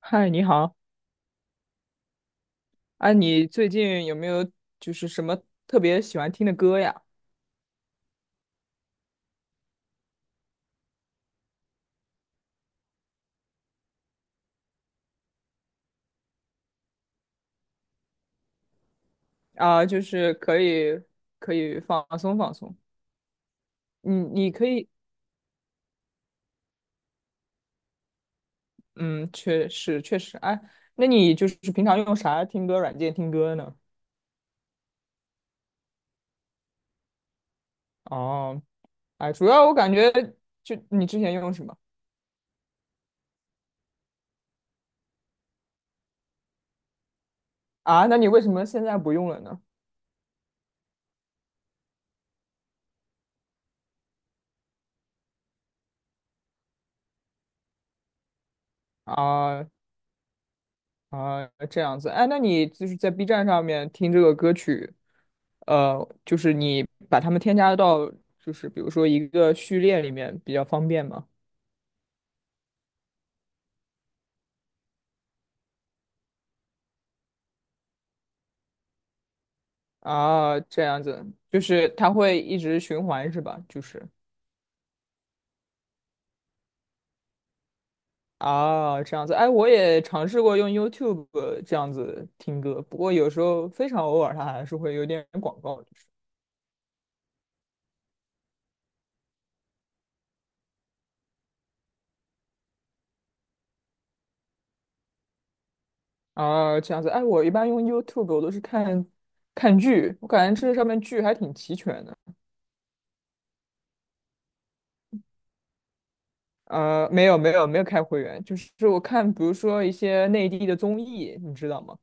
嗨，你好。啊，你最近有没有就是什么特别喜欢听的歌呀？啊，就是可以放松放松。你可以，嗯，确实确实。哎，那你就是平常用啥听歌软件听歌呢？哦。哎，主要我感觉就你之前用什么啊？那你为什么现在不用了呢？啊，啊，这样子。哎，那你就是在 B 站上面听这个歌曲，就是你把它们添加到，就是比如说一个序列里面比较方便吗？啊，这样子，就是它会一直循环是吧？就是啊，这样子。哎，我也尝试过用 YouTube 这样子听歌，不过有时候非常偶尔，它还是会有点广告，就是啊，这样子。哎，我一般用 YouTube 我都是看看剧，我感觉这上面剧还挺齐全的。没有没有没有开会员，就是我看，比如说一些内地的综艺，你知道吗？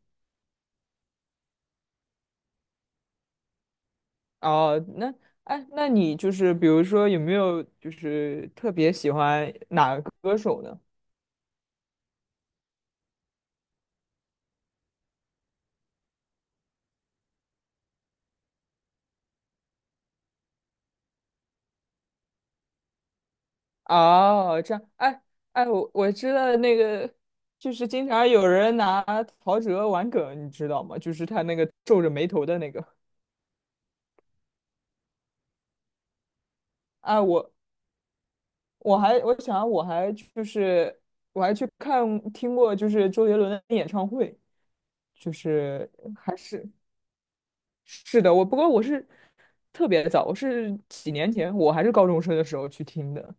哦，那哎，那你就是比如说有没有就是特别喜欢哪个歌手呢？哦，这样。哎哎，我知道那个，就是经常有人拿陶喆玩梗，你知道吗？就是他那个皱着眉头的那个。哎，我还我想我还就是我还去看听过就是周杰伦的演唱会，就是还是。是的，不过我是特别早，我是几年前，我还是高中生的时候去听的。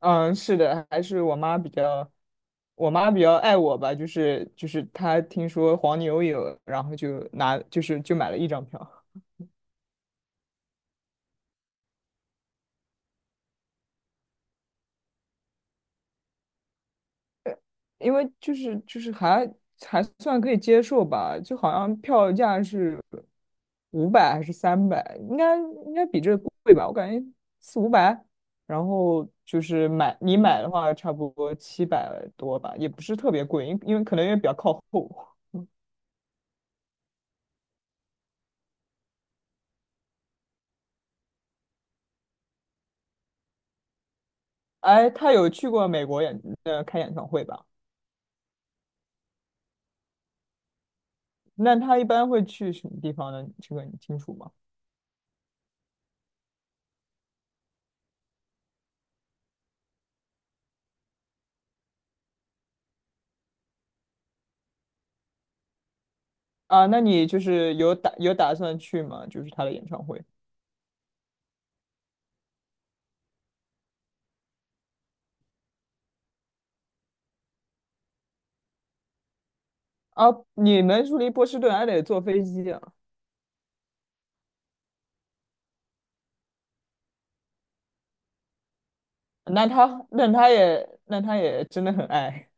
嗯，是的，还是我妈比较，我妈比较爱我吧，就是她听说黄牛有，然后就拿就是就买了一张票。因为就是还算可以接受吧，就好像票价是五百还是300，应该比这个贵吧，我感觉四五百，然后就是你买的话差不多700多吧，也不是特别贵，因为可能因为比较靠后。哎，他有去过美国开演唱会吧？那他一般会去什么地方呢？这个你清楚吗？啊，那你就是有打算去吗？就是他的演唱会。啊，你们住离波士顿还得坐飞机啊？那他也真的很爱。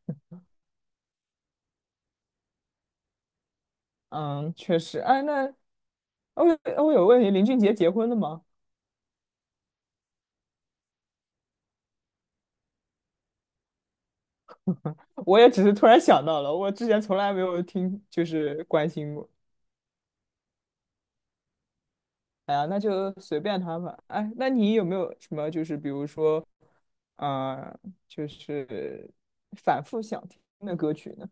嗯，确实。哎，那我我有问题，林俊杰结婚了吗？我也只是突然想到了，我之前从来没有听，就是关心过。哎呀，那就随便他吧。哎，那你有没有什么就是比如说，呃，就是反复想听的歌曲呢？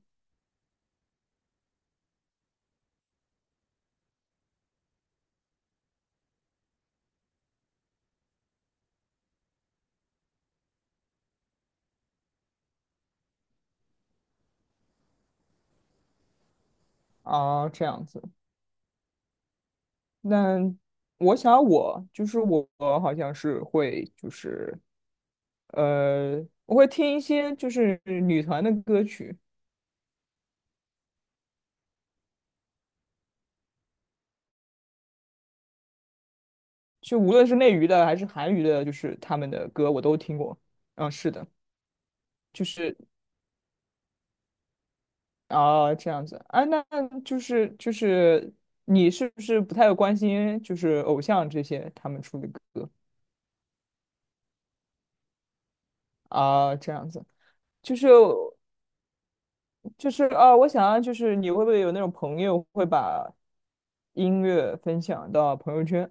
啊，这样子。那我想我就是我好像是会就是呃，我会听一些就是女团的歌曲，就无论是内娱的还是韩娱的，就是他们的歌我都听过。嗯，是的。就是啊，这样子啊，那就是你是不是不太关心就是偶像这些他们出的歌。啊，这样子。就是就是啊，我想要就是你会不会有那种朋友会把音乐分享到朋友圈？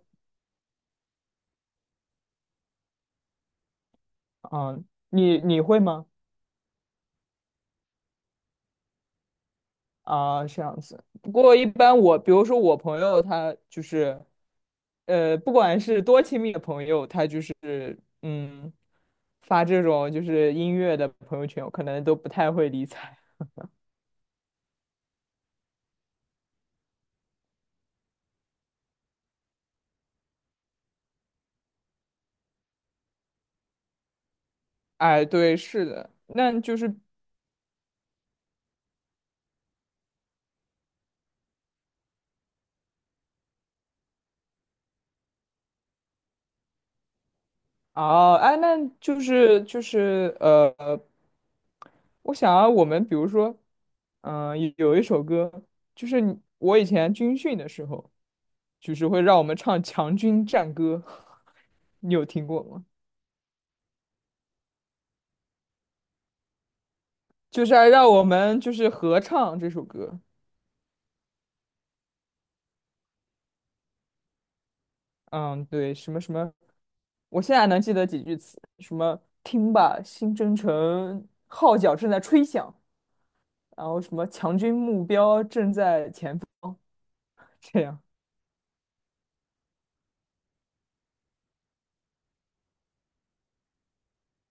嗯，你会吗？啊，这样子。不过一般我，比如说我朋友，他就是，不管是多亲密的朋友，他就是嗯，发这种就是音乐的朋友圈，我可能都不太会理睬。哎，对，是的，那就是哦。哎，那就是我想啊，我们比如说，有一首歌，就是你我以前军训的时候，就是会让我们唱《强军战歌》，你有听过吗？就是还让我们就是合唱这首歌。嗯，对，什么什么，我现在能记得几句词，什么听吧，新征程号角正在吹响，然后什么强军目标正在前方，这样。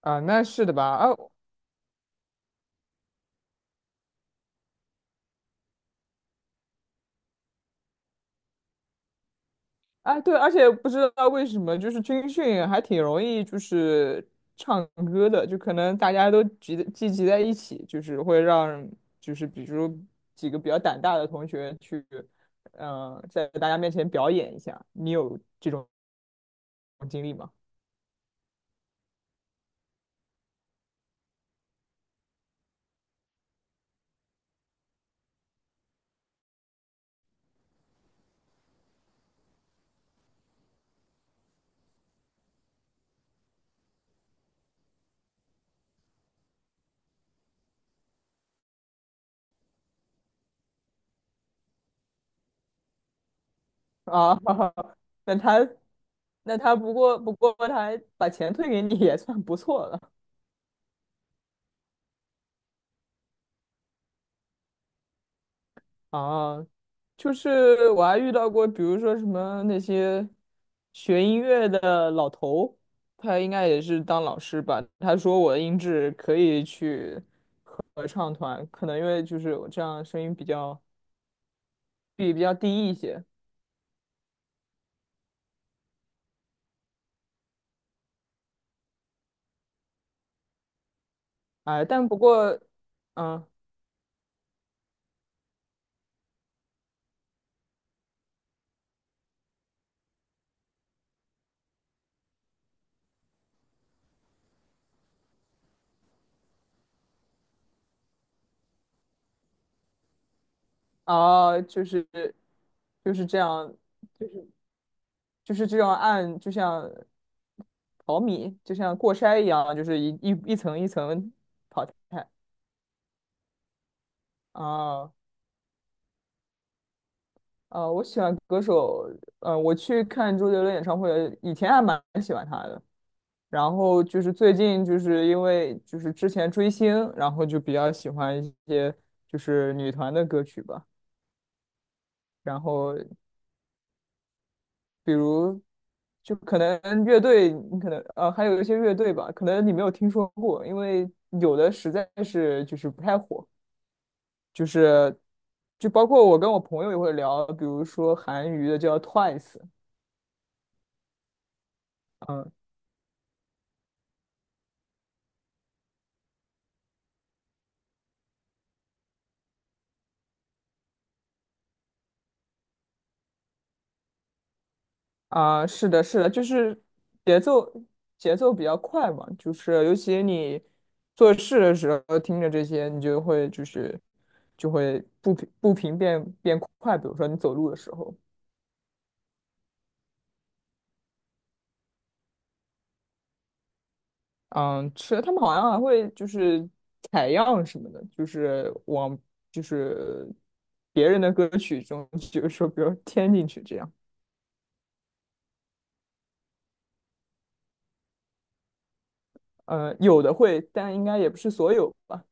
啊，那是的吧？啊啊，对，而且不知道为什么，就是军训还挺容易，就是唱歌的，就可能大家都聚集在一起，就是会让，就是比如几个比较胆大的同学去，在大家面前表演一下。你有这种经历吗？啊，那他，那他不过他还把钱退给你也算不错了。啊，就是我还遇到过，比如说什么那些学音乐的老头，他应该也是当老师吧？他说我的音质可以去合唱团，可能因为就是我这样声音比较低一些。哎，但不过，嗯，啊，就是这样，就是这样按，就像淘米，就像过筛一样，就是一层一层，哎，啊。我喜欢歌手，我去看周杰伦演唱会，以前还蛮喜欢他的，然后就是最近就是因为就是之前追星，然后就比较喜欢一些就是女团的歌曲吧，然后比如就可能乐队，你可能还有一些乐队吧，可能你没有听说过，因为有的实在是就是不太火，就是就包括我跟我朋友也会聊，比如说韩娱的叫 Twice。嗯。啊，是的，是的，就是节奏节奏比较快嘛，就是尤其你做事的时候听着这些，你就会就是就会步频变快，比如说你走路的时候，嗯，是的，他们好像还会就是采样什么的，就是往就是别人的歌曲中，就是说比如添进去这样。嗯，有的会，但应该也不是所有吧。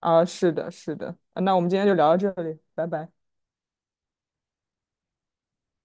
啊，是的，是的，啊那我们今天就聊到这里，拜拜。